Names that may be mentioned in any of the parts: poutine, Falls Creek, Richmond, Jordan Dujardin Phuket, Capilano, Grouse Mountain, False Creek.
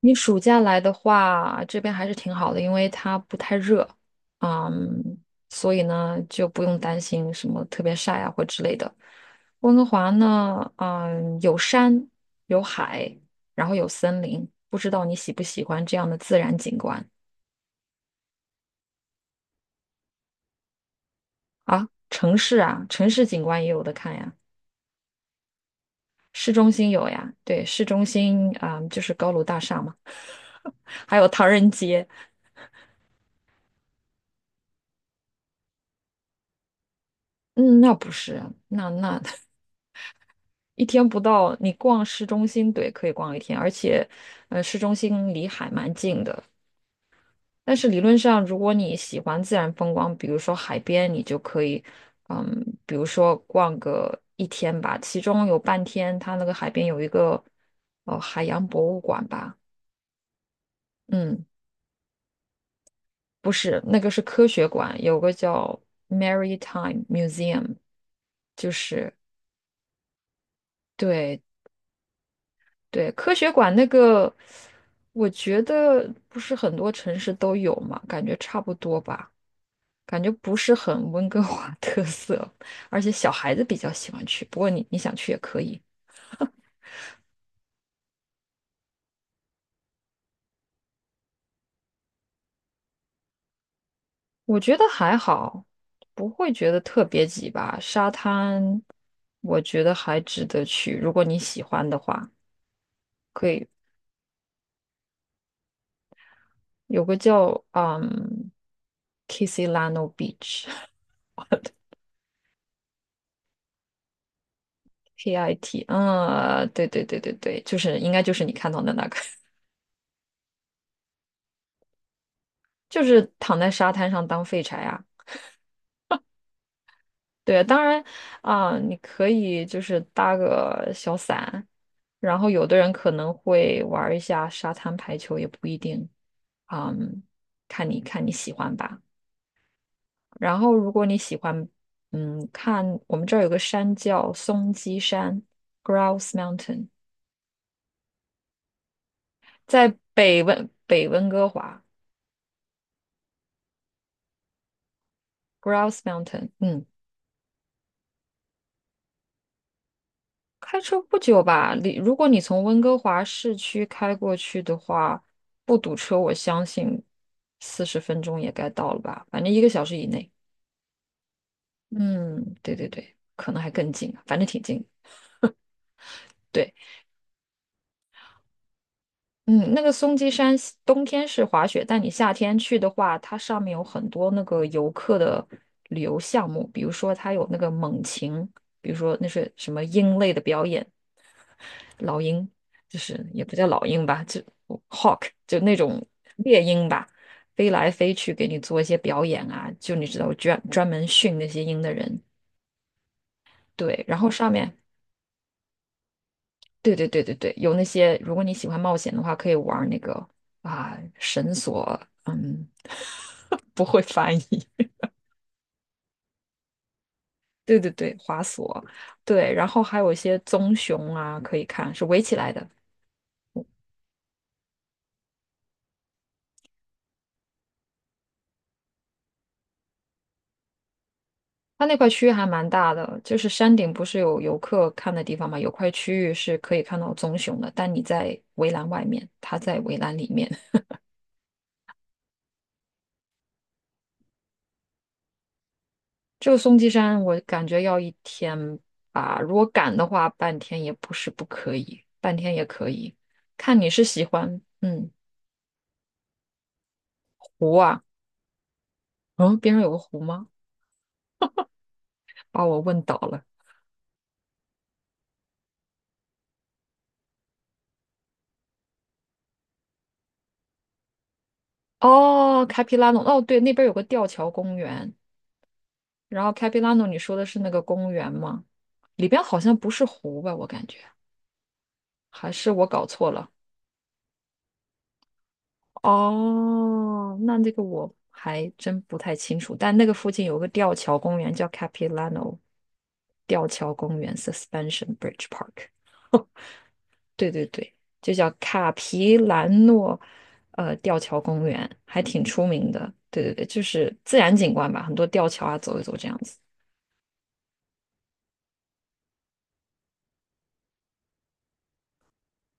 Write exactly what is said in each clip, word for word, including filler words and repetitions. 你暑假来的话，这边还是挺好的，因为它不太热，嗯，所以呢就不用担心什么特别晒啊或之类的。温哥华呢，嗯，有山有海，然后有森林，不知道你喜不喜欢这样的自然景观啊？城市啊，城市景观也有的看呀，市中心有呀，对，市中心啊，嗯就是高楼大厦嘛，还有唐人街，嗯，那不是，那那。一天不到，你逛市中心，对，可以逛一天，而且，呃，市中心离海蛮近的。但是理论上，如果你喜欢自然风光，比如说海边，你就可以，嗯，比如说逛个一天吧，其中有半天，它那个海边有一个，呃，海洋博物馆吧，嗯，不是，那个是科学馆，有个叫 Maritime Museum,就是。对，对，科学馆那个，我觉得不是很多城市都有嘛，感觉差不多吧，感觉不是很温哥华 特色，而且小孩子比较喜欢去。不过你你想去也可以，我觉得还好，不会觉得特别挤吧。沙滩，我觉得还值得去，如果你喜欢的话，可以有个叫嗯 Kissilano Beach。K I T,嗯，对对对对对，就是应该就是你看到的那个，就是躺在沙滩上当废柴啊。对，当然啊，你可以就是搭个小伞，然后有的人可能会玩儿一下沙滩排球，也不一定。嗯，看你看你喜欢吧。然后如果你喜欢，嗯，看我们这儿有个山叫松鸡山 （(Grouse Mountain),在北温北温哥华 （(Grouse Mountain)。嗯，开车不久吧，你如果你从温哥华市区开过去的话，不堵车，我相信四十分钟也该到了吧，反正一个小时以内。嗯，对对对，可能还更近，反正挺近。对，嗯，那个松鸡山西冬天是滑雪，但你夏天去的话，它上面有很多那个游客的旅游项目，比如说它有那个猛禽，比如说那是什么鹰类的表演，老鹰，就是也不叫老鹰吧，就 hawk 就那种猎鹰吧，飞来飞去给你做一些表演啊，就你知道专专门训那些鹰的人，对，然后上面对对对对对，有那些如果你喜欢冒险的话，可以玩那个啊绳索，嗯，不会翻译。对对对，滑索，对，然后还有一些棕熊啊，可以看，是围起来的，它那块区域还蛮大的，就是山顶不是有游客看的地方嘛，有块区域是可以看到棕熊的，但你在围栏外面，它在围栏里面。这个松鸡山我感觉要一天吧，如果赶的话，半天也不是不可以，半天也可以，看你是喜欢，嗯，湖啊，嗯，边上有个湖吗？把我问倒了。哦，开皮拉诺，哦，对，那边有个吊桥公园，然后开皮拉诺，你说的是那个公园吗？里边好像不是湖吧，我感觉。还是我搞错了？哦，那这个我还真不太清楚。但那个附近有个吊桥公园，叫 Capilano 吊桥公园 （(Suspension Bridge Park)。对对对，就叫卡皮兰诺呃吊桥公园，还挺出名的。对对对，就是自然景观吧，很多吊桥啊，走一走这样子。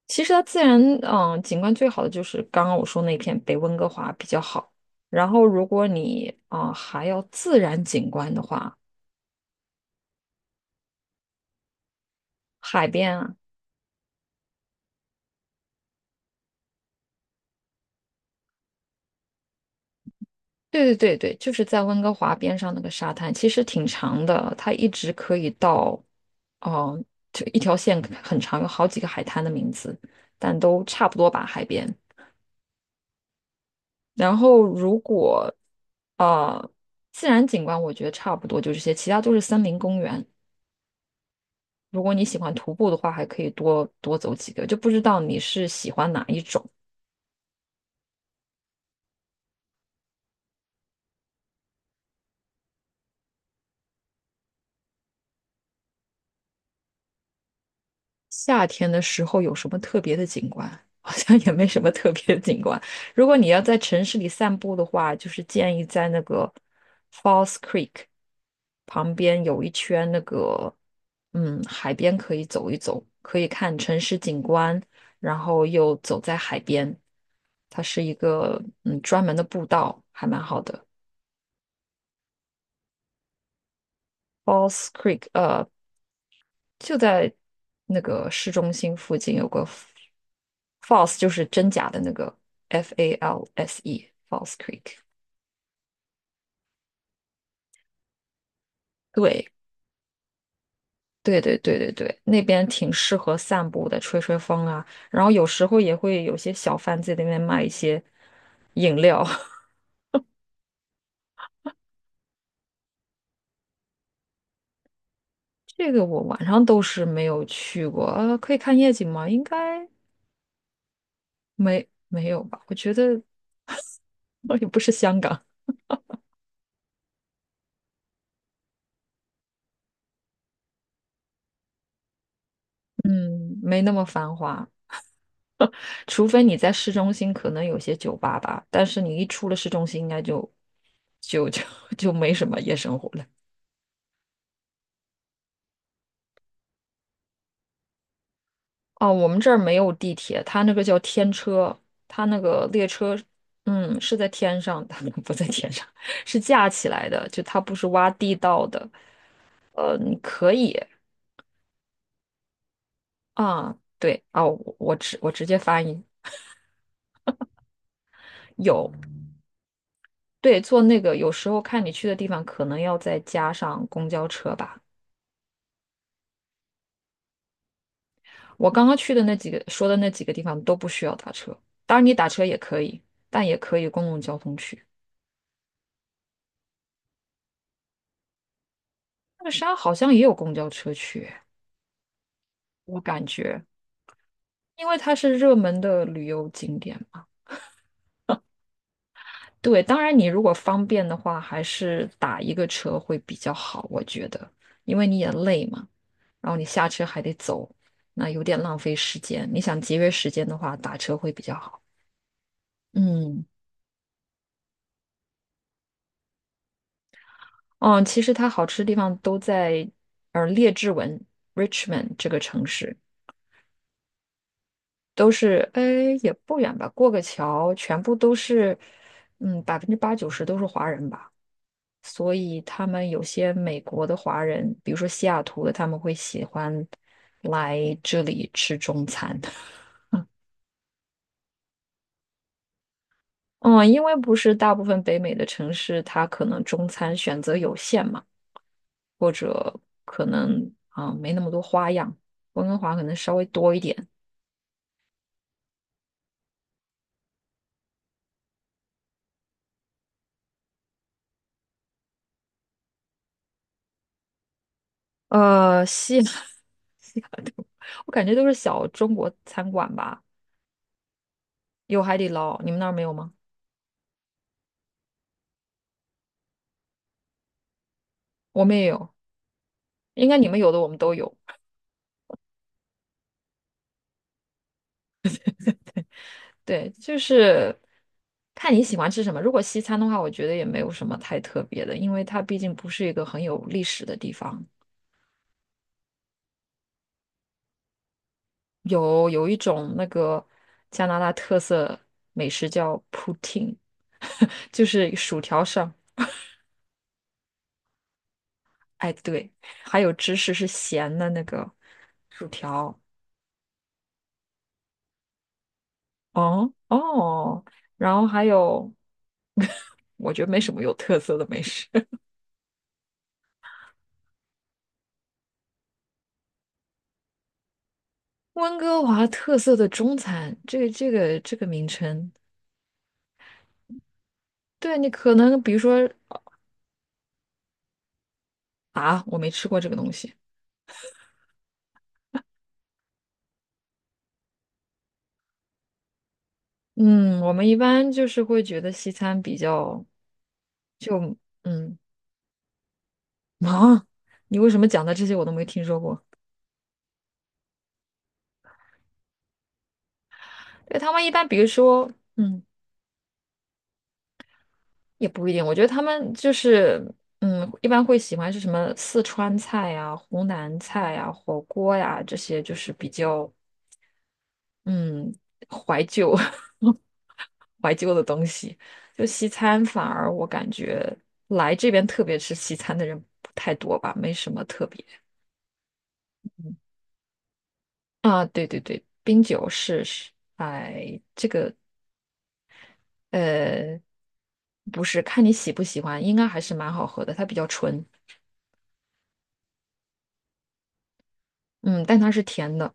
其实它自然嗯景观最好的就是刚刚我说那片北温哥华比较好。然后如果你啊、呃还要自然景观的话，海边啊，对对对对，就是在温哥华边上那个沙滩，其实挺长的，它一直可以到，哦、就一条线很长，有好几个海滩的名字，但都差不多吧，海边。然后如果呃自然景观，我觉得差不多就这些，其他都是森林公园。如果你喜欢徒步的话，还可以多多走几个。就不知道你是喜欢哪一种。夏天的时候有什么特别的景观？好像也没什么特别的景观。如果你要在城市里散步的话，就是建议在那个 Falls Creek 旁边有一圈那个，嗯，海边可以走一走，可以看城市景观，然后又走在海边。它是一个嗯专门的步道，还蛮好的。Falls Creek,呃就在那个市中心附近有个 f- a l s e 就是真假的那个 F A L S E False Creek。对，对对对对对，那边挺适合散步的，吹吹风啊。然后有时候也会有些小贩在那边卖一些饮料。这个我晚上都是没有去过，呃，可以看夜景吗？应该没没有吧？我觉得 我也不是香港，嗯，没那么繁华。除非你在市中心可能有些酒吧吧，但是你一出了市中心，应该就就就 就没什么夜生活了。哦，我们这儿没有地铁，它那个叫天车，它那个列车，嗯，是在天上的，不在天上，是架起来的，就它不是挖地道的。呃，你可以啊，对啊，我我直我直接翻译有，对，坐那个有时候看你去的地方，可能要再加上公交车吧。我刚刚去的那几个说的那几个地方都不需要打车，当然你打车也可以，但也可以公共交通去。那个山好像也有公交车去，我感觉，因为它是热门的旅游景点嘛。对，当然你如果方便的话，还是打一个车会比较好，我觉得，因为你也累嘛，然后你下车还得走，那有点浪费时间。你想节约时间的话，打车会比较好。嗯。嗯，其实它好吃的地方都在呃列治文 （(Richmond) 这个城市，都是哎也不远吧，过个桥，全部都是嗯百分之八九十都是华人吧，所以他们有些美国的华人，比如说西雅图的，他们会喜欢来这里吃中餐。嗯，因为不是大部分北美的城市，它可能中餐选择有限嘛。或者可能啊、呃没那么多花样，温哥华可能稍微多一点。呃，西雅 西雅图，我感觉都是小中国餐馆吧，有海底捞，你们那儿没有吗？我们也有，应该你们有的我们都有。对，就是看你喜欢吃什么。如果西餐的话，我觉得也没有什么太特别的，因为它毕竟不是一个很有历史的地方。有有一种那个加拿大特色美食叫 poutine,就是薯条上哎，对，还有芝士是咸的那个薯条，哦哦，然后还有，我觉得没什么有特色的美食。温哥华特色的中餐，这个这个这个名称，对你可能比如说啊，我没吃过这个东西。嗯，我们一般就是会觉得西餐比较，就嗯 啊，你为什么讲的这些我都没听说过？对，他们一般比如说，嗯。也不一定，我觉得他们就是，嗯，一般会喜欢是什么四川菜呀、湖南菜呀、火锅呀这些，就是比较嗯怀旧 怀旧的东西。就西餐，反而我感觉来这边特别吃西餐的人不太多吧，没什么特别。嗯啊，对对对，冰酒是是，哎，呃，不是，看你喜不喜欢，应该还是蛮好喝的，它比较纯，嗯，但它是甜的。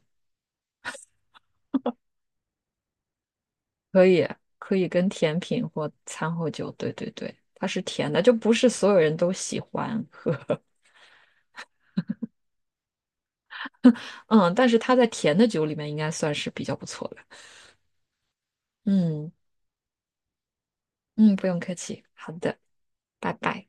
可以可以跟甜品或餐后酒，对对对，它是甜的，就不是所有人都喜欢喝，嗯，但是它在甜的酒里面应该算是比较不错的，嗯嗯，不用客气，好的，拜拜。